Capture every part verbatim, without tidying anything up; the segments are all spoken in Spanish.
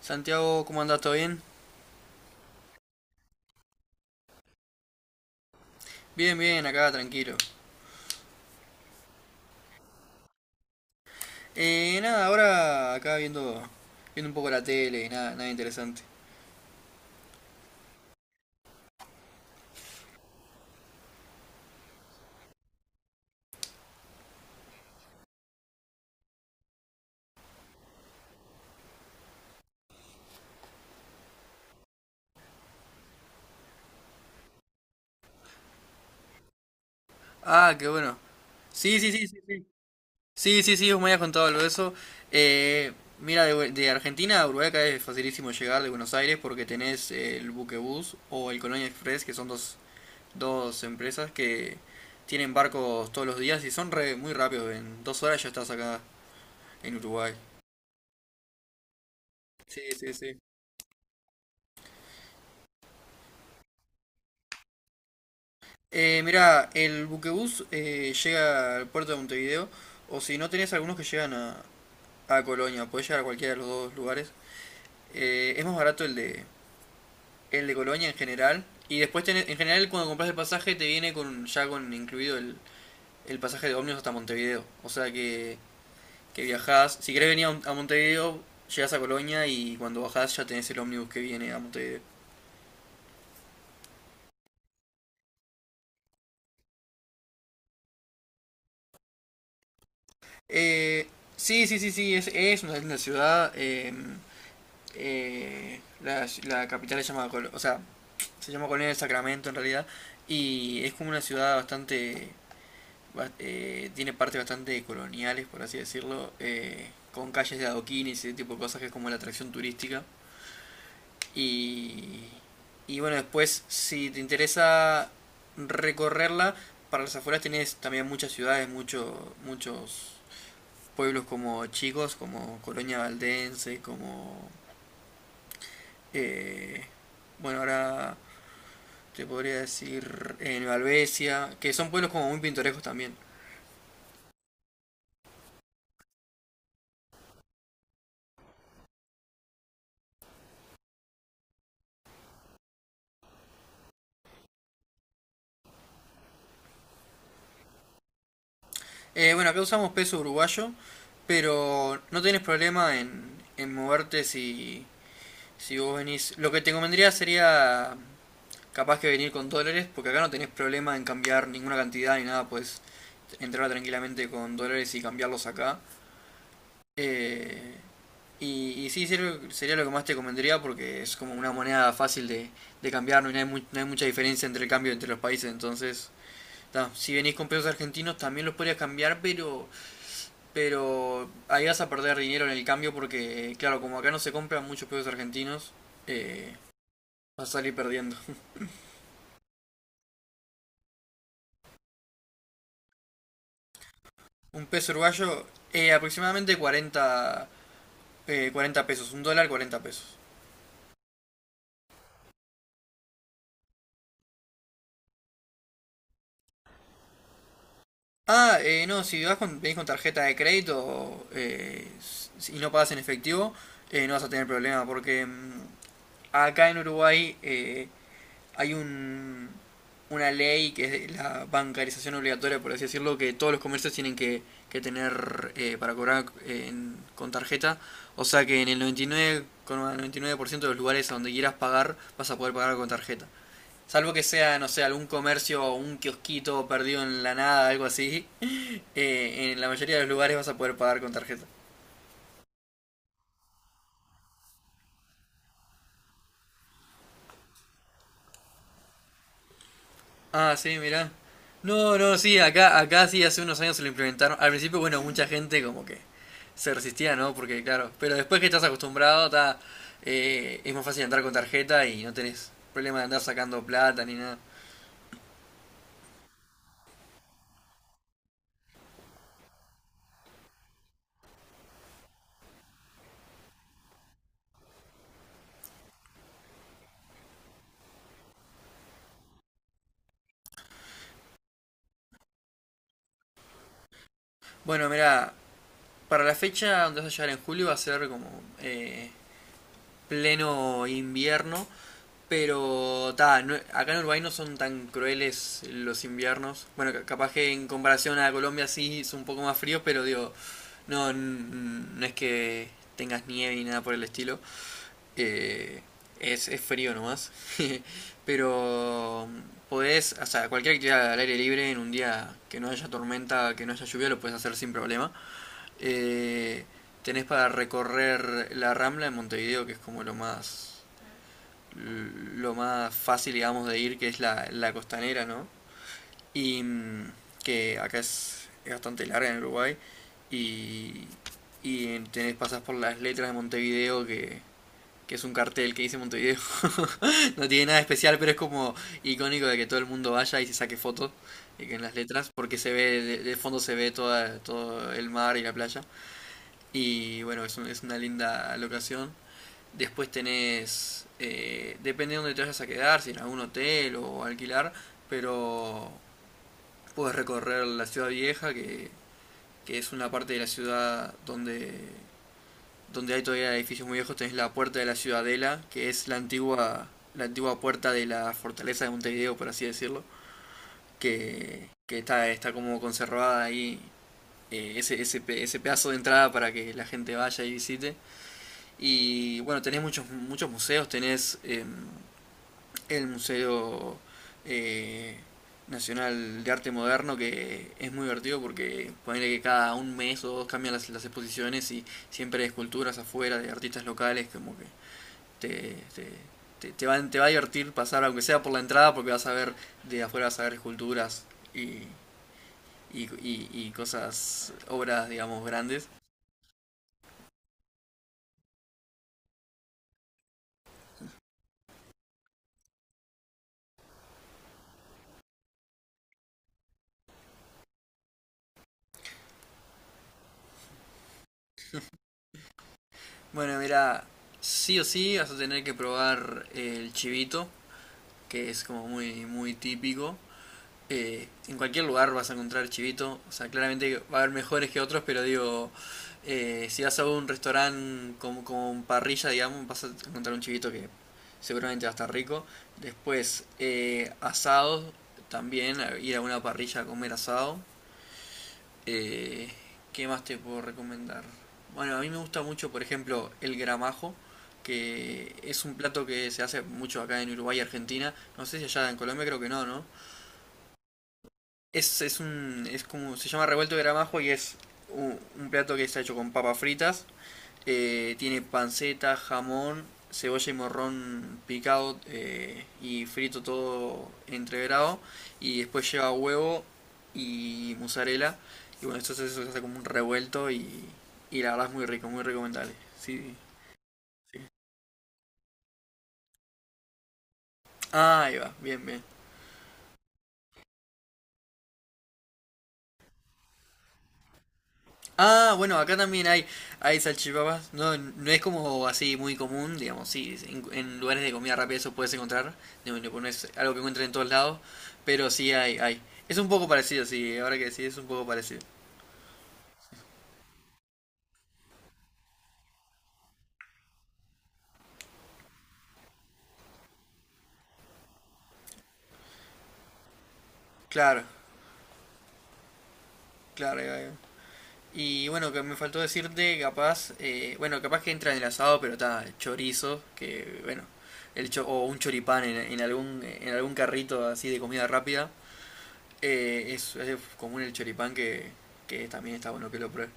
Santiago, ¿cómo andás? ¿Todo bien? Bien, bien, acá tranquilo. Eh, nada, ahora acá viendo, viendo un poco la tele, nada, nada interesante. Ah, qué bueno. Sí, sí, sí, sí, sí. Sí, sí, sí, vos me habías contado algo de eso. Eh, Mira, de, Bu- de Argentina a Uruguay acá es facilísimo llegar de Buenos Aires porque tenés eh, el Buquebús o el Colonia Express, que son dos, dos empresas que tienen barcos todos los días y son re- muy rápidos. En dos horas ya estás acá en Uruguay. Sí, sí, sí. Eh, mirá, el Buquebús eh, llega al puerto de Montevideo, o si no tenés algunos que llegan a, a Colonia, podés llegar a cualquiera de los dos lugares. Eh, es más barato el de, el de Colonia en general, y después tenés- en general cuando compras el pasaje te viene con ya con incluido el, el pasaje de ómnibus hasta Montevideo, o sea que, que viajás, si querés venir a, Mon- a Montevideo, llegás a Colonia y cuando bajás ya tenés el ómnibus que viene a Montevideo. Eh, sí, sí, sí, sí, es, es una linda ciudad. em, eh, la, la capital se llama, o sea, se llama Colonia del Sacramento en realidad, y es como una ciudad bastante, eh, tiene partes bastante coloniales, por así decirlo, eh, con calles de adoquines y ese tipo de cosas que es como la atracción turística. Y, y bueno, después, si te interesa recorrerla, para las afueras tenés también muchas ciudades, mucho, muchos pueblos como chicos, como Colonia Valdense, como eh, bueno, ahora te podría decir en Valvesia, que son pueblos como muy pintorescos también. Eh, bueno, acá usamos peso uruguayo, pero no tenés problema en, en moverte si, si vos venís. Lo que te convendría sería capaz que venir con dólares, porque acá no tenés problema en cambiar ninguna cantidad ni nada, puedes entrar tranquilamente con dólares y cambiarlos acá. Eh, y, y sí, sería, lo que más te comentaría porque es como una moneda fácil de, de cambiar, no hay, mu- no hay mucha diferencia entre el cambio entre los países, entonces ta, si venís con pesos argentinos también los podrías cambiar, pero, pero ahí vas a perder dinero en el cambio porque, claro, como acá no se compran muchos pesos argentinos, eh, vas a salir perdiendo. Un peso uruguayo, eh, aproximadamente cuarenta, eh, cuarenta pesos, un dólar cuarenta pesos. Ah, eh, no, si vas con, venís con tarjeta de crédito eh, s- y no pagas en efectivo, eh, no vas a tener problema, porque mm, acá en Uruguay eh, hay un, una ley que es de la bancarización obligatoria, por así decirlo, que todos los comercios tienen que, que tener eh, para cobrar eh, en- con tarjeta. O sea que en el noventa y nueve coma noventa y nueve por ciento de los lugares a donde quieras pagar, vas a poder pagar con tarjeta. Salvo que sea, no sé, algún comercio o un kiosquito perdido en la nada, algo así. Eh, en la mayoría de los lugares vas a poder pagar con tarjeta. Ah, sí, mirá. No, no, sí, acá, acá sí, hace unos años se lo implementaron. Al principio, bueno, mucha gente como que se resistía, ¿no? Porque, claro, pero después que estás acostumbrado, ta, eh, es más fácil entrar con tarjeta y no tenés problema de andar sacando plata ni nada. Bueno, mira, para la fecha donde vas a llegar en julio va a ser como eh, pleno invierno. Pero, ta, no- acá en Uruguay no son tan crueles los inviernos. Bueno, ca- capaz que en comparación a Colombia sí es un poco más frío, pero digo, no, n- no es que tengas nieve ni nada por el estilo. Eh, es, es frío nomás. Pero podés, o sea, cualquier actividad al aire libre en un día que no haya tormenta, que no haya lluvia, lo puedes hacer sin problema. Eh, Tenés para recorrer la Rambla en Montevideo, que es como lo más lo más fácil, digamos, de ir, que es la, la costanera, ¿no? Y mm, que acá es, es bastante larga en Uruguay. Y, y tenés, pasas por las letras de Montevideo, que, que es un cartel que dice Montevideo. No tiene nada especial, pero es como icónico de que todo el mundo vaya y se saque fotos eh, que en las letras, porque se ve, de, de fondo se ve toda, todo el mar y la playa. Y bueno, es, un- es una linda locación. Después tenés, eh, depende de dónde te vayas a quedar, si en algún hotel o alquilar, pero puedes recorrer la ciudad vieja, que, que es una parte de la ciudad donde, donde hay todavía edificios muy viejos. Tenés la puerta de la ciudadela, que es la antigua, la antigua puerta de la fortaleza de Montevideo, por así decirlo, que, que está, está como conservada ahí eh, ese, ese, ese pedazo de entrada para que la gente vaya y visite. Y bueno, tenés muchos, muchos museos, tenés em, el Museo eh, Nacional de Arte Moderno, que es muy divertido porque ponerle que cada un mes o dos cambian las, las exposiciones y siempre hay esculturas afuera de artistas locales, como que te, te, te, te va, te va a divertir pasar, aunque sea por la entrada, porque vas a ver de afuera, vas a ver esculturas y, y, y, y cosas, obras, digamos, grandes. Bueno, mira, sí o sí vas a tener que probar el chivito, que es como muy, muy típico. Eh, en cualquier lugar vas a encontrar chivito. O sea, claramente va a haber mejores que otros, pero digo, eh, si vas a un restaurante con, con parrilla, digamos, vas a encontrar un chivito que seguramente va a estar rico. Después, eh, asados, también ir a una parrilla a comer asado. Eh, ¿Qué más te puedo recomendar? Bueno, a mí me gusta mucho, por ejemplo, el gramajo, que es un plato que se hace mucho acá en Uruguay y Argentina. No sé si allá en Colombia, creo que no, ¿no? Es, es un. Es como. Se llama revuelto de gramajo y es un, un plato que está hecho con papas fritas. Eh, tiene panceta, jamón, cebolla y morrón picado eh, y frito todo entreverado. Y después lleva huevo y mozzarella. Y bueno, esto se hace como un revuelto y, y la verdad es muy rico, muy recomendable. Sí, sí. Ah, ahí va, bien, bien. Ah, bueno, acá también hay, hay salchipapas. No, no es como así muy común, digamos, sí, en, en lugares de comida rápida eso puedes encontrar. No, no no es algo que encuentres en todos lados, pero sí hay, hay. Es un poco parecido, sí, ahora que decís es un poco parecido. Claro, claro, ahí va, ahí va. Y bueno, que me faltó decirte, capaz, eh, bueno, capaz que entra en el asado, pero está chorizo, que bueno, el cho- o un choripán en, en algún en algún carrito así de comida rápida. Eh, es, es común el choripán que, que también está bueno que lo pruebe.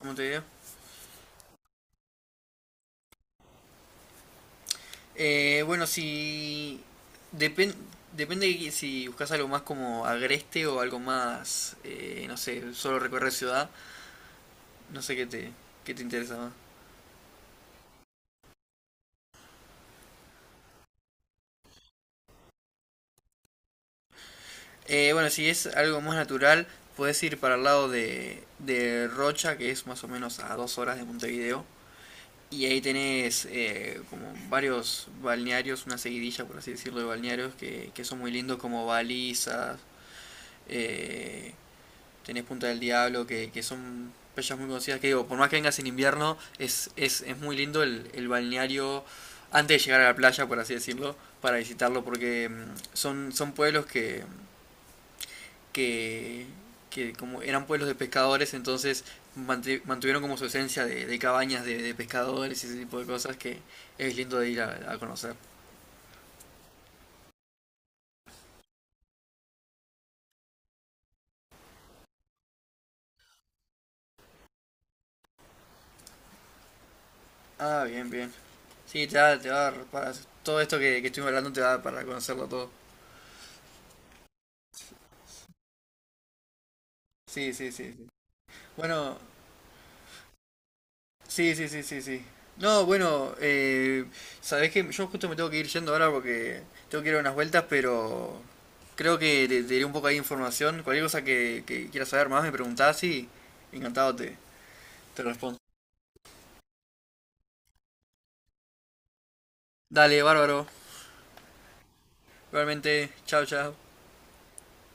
¿Cómo te digo? Eh, bueno, si. depende depende si buscas algo más como agreste o algo más. Eh, no sé, solo recorrer ciudad. No sé qué te, qué te interesa más. Eh, bueno, si es algo más natural, puedes ir para el lado de, de Rocha, que es más o menos a dos horas de Montevideo. Y ahí tenés eh, como varios balnearios, una seguidilla por así decirlo de balnearios que, que son muy lindos como Balizas, eh, tenés Punta del Diablo, que, que son playas muy conocidas, que digo, por más que vengas en invierno, es, es, es muy lindo el, el balneario antes de llegar a la playa, por así decirlo, para visitarlo, porque mm, son, son pueblos que que, que, como eran pueblos de pescadores, entonces mantuvieron como su esencia de, de cabañas de, de pescadores y ese tipo de cosas que es lindo de ir a, a conocer. Ah, bien, bien. Sí, te va, te va a dar para todo esto que, que estuvimos hablando te va a dar para conocerlo todo. Sí, sí, sí, sí. Bueno, sí, sí, sí, sí, sí. No, bueno, eh, sabés que yo justo me tengo que ir yendo ahora porque tengo que ir a unas vueltas, pero creo que te, te diré un poco ahí de información. Cualquier cosa que, que quieras saber más me preguntás y encantado te, te respondo. Dale, bárbaro. Realmente, chao, chao.